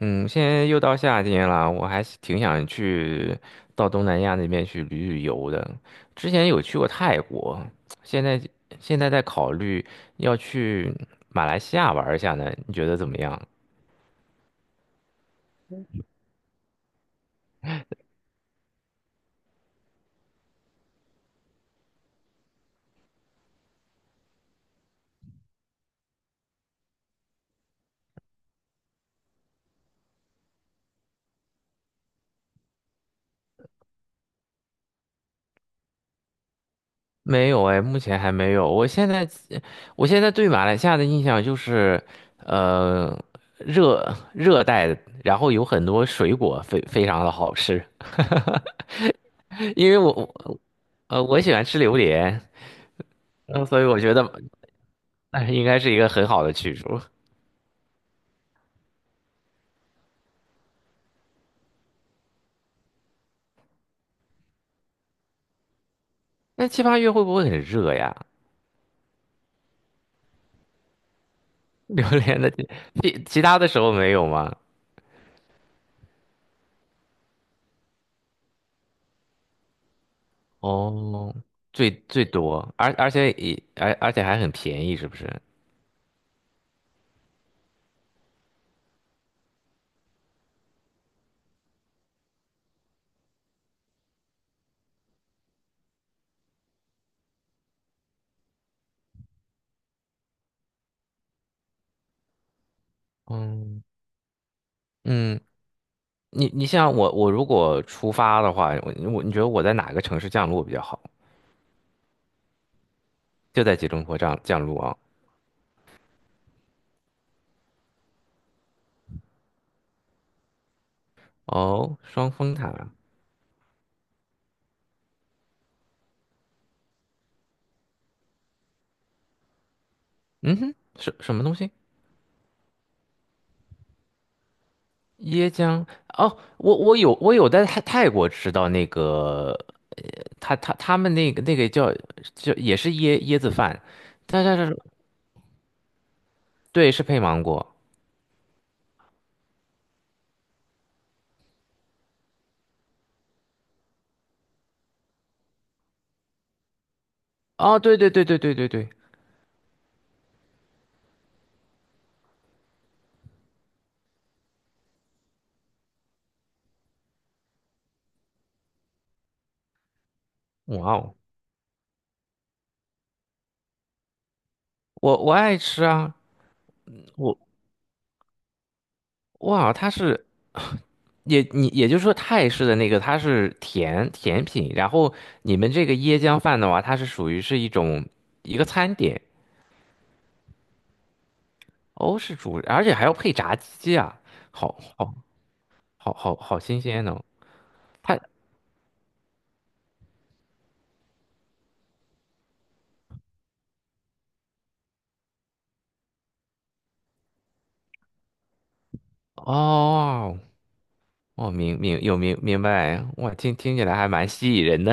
嗯，现在又到夏天了，我还是挺想去到东南亚那边去旅游的。之前有去过泰国，现在现在在考虑要去马来西亚玩一下呢，你觉得怎么样？没有哎，目前还没有。我现在对马来西亚的印象就是，呃，热热带，然后有很多水果非常的好吃。因为我喜欢吃榴莲。嗯，所以我觉得那应该是一个很好的去处。那七八月会不会很热呀？榴莲的其他的时候没有吗？哦，最多，而且还很便宜，是不是？嗯嗯，你像我如果出发的话，你觉得我在哪个城市降落比较好？就在吉隆坡降落啊？哦，双峰塔。嗯哼，什么东西？椰浆，哦，我有在泰国吃到那个，他们那个叫也是椰子饭，他他是对，是配芒果。哦，对对对对对对对。哇哦，我爱吃啊。我哇，它是 你也就是说泰式的那个它是甜品，然后你们这个椰浆饭的话，它是属于一个餐点。欧式主，而且还要配炸鸡啊。好好好，好好新鲜哦。它哦。我明明有明明白，我听起来还蛮吸引人的。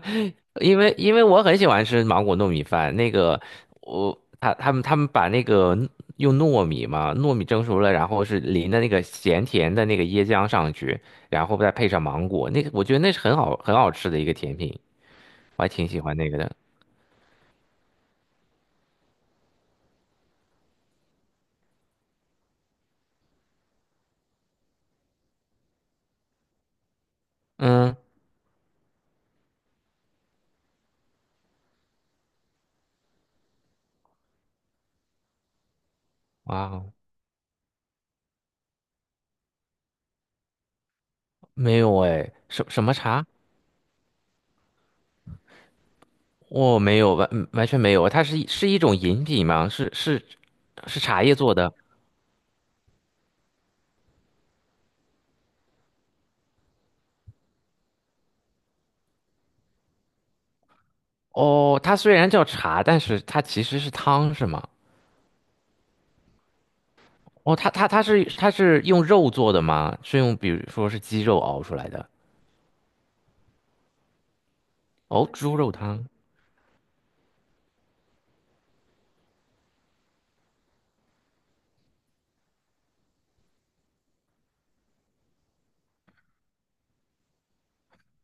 因为我很喜欢吃芒果糯米饭，那个他们把那个用糯米嘛，糯米蒸熟了，然后是淋的那个咸甜的那个椰浆上去，然后再配上芒果，那个我觉得那是很好吃的一个甜品，我还挺喜欢那个的。嗯，哇哦。没有哎，什么茶？我没有完嗯完全没有，它是一种饮品吗？是是茶叶做的。哦，它虽然叫茶，但是它其实是汤，是吗？哦，它是用肉做的吗？是用比如说是鸡肉熬出来的？哦，猪肉汤。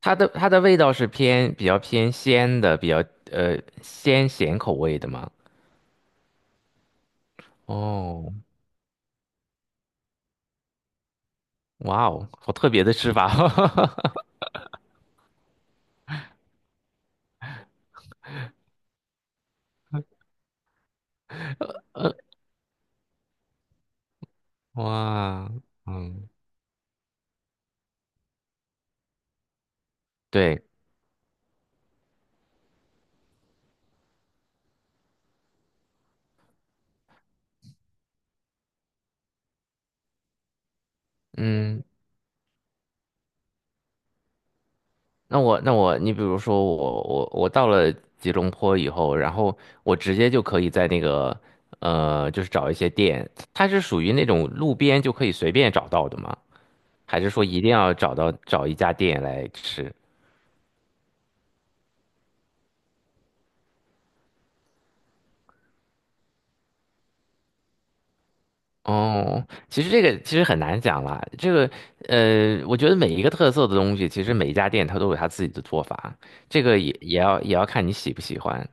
它的味道比较偏鲜的，比较鲜咸口味的吗？哦。哇哦，好特别的吃法。哇。嗯，对，嗯。那我，你比如说我到了吉隆坡以后，然后我直接就可以在那个，就是找一些店，它是属于那种路边就可以随便找到的吗？还是说一定要找一家店来吃？哦，其实这个其实很难讲啦。这个我觉得每一个特色的东西，其实每一家店它都有它自己的做法，这个也要看你喜不喜欢。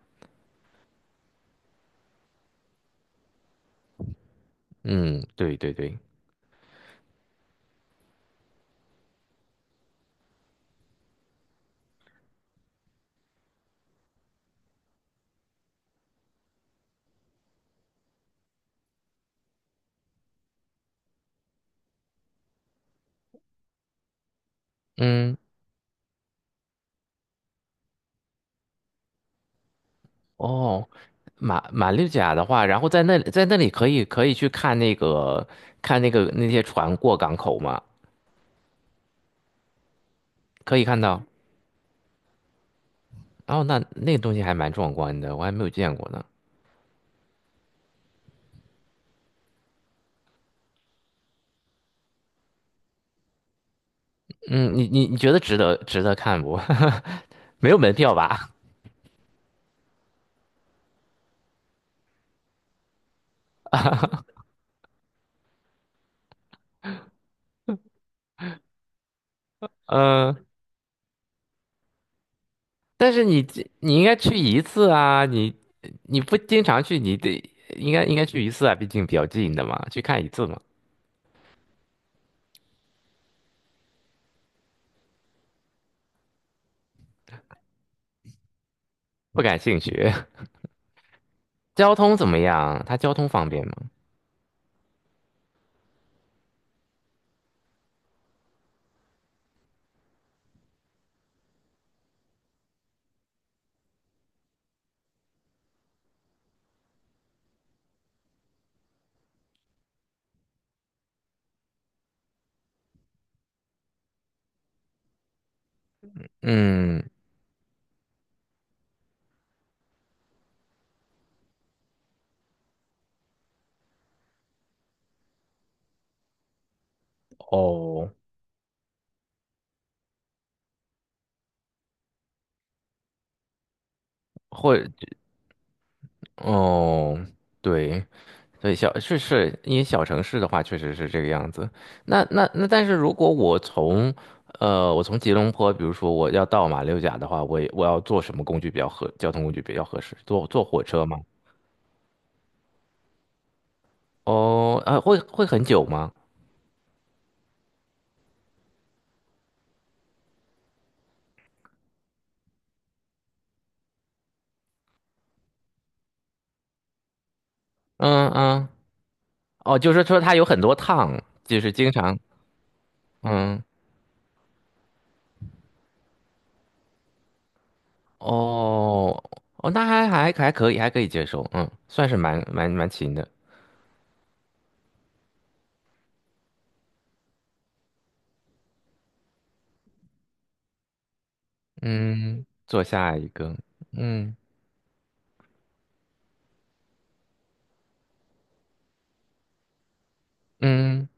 嗯，对对对，嗯。哦，马六甲的话，然后在那里可以去看那些船过港口嘛，可以看到。哦，那个东西还蛮壮观的，我还没有见过呢。嗯，你觉得值得看不？没有门票吧？嗯，但是你应该去一次啊，你不经常去，你得应该应该去一次啊，毕竟比较近的嘛，去看一次嘛。不感兴趣。交通怎么样？它交通方便吗？嗯，哦。或哦，对对，是是，因为小城市的话，确实是这个样子。那，但是如果我从，我从吉隆坡，比如说我要到马六甲的话，我要坐什么工具比较合，交通工具比较合适？坐火车吗？哦，啊，会很久吗？嗯嗯，哦，就是说它有很多趟，就是经常，嗯，哦哦，那还可以，还可以接受，嗯，算是蛮勤的。嗯，做下一个，嗯。嗯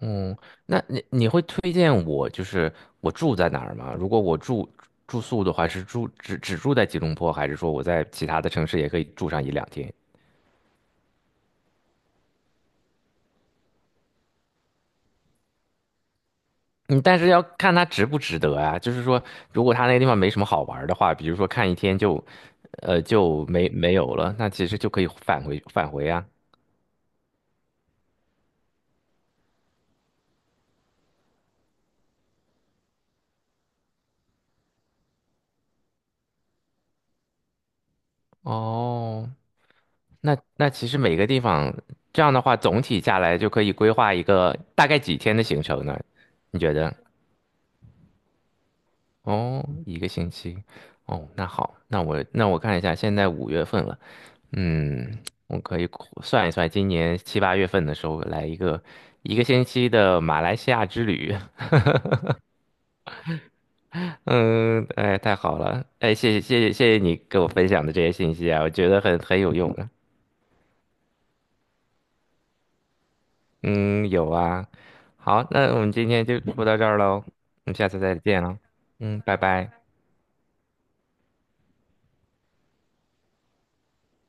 嗯，那你会推荐我就是我住在哪儿吗？如果我住宿的话，只住在吉隆坡，还是说我在其他的城市也可以住上一两天？嗯，但是要看它值不值得啊。就是说，如果它那个地方没什么好玩儿的话，比如说看一天就没有了，那其实就可以返回啊。哦，那其实每个地方这样的话，总体下来就可以规划一个大概几天的行程呢？你觉得？哦，一个星期。哦，那好，那我看一下，现在5月份了，嗯，我可以算一算，今年七八月份的时候来一个星期的马来西亚之旅。嗯，哎，太好了，哎，谢谢谢谢谢谢你给我分享的这些信息啊，我觉得很有用的。嗯，有啊。好，那我们今天就说到这儿喽，我们下次再见了。嗯，拜拜。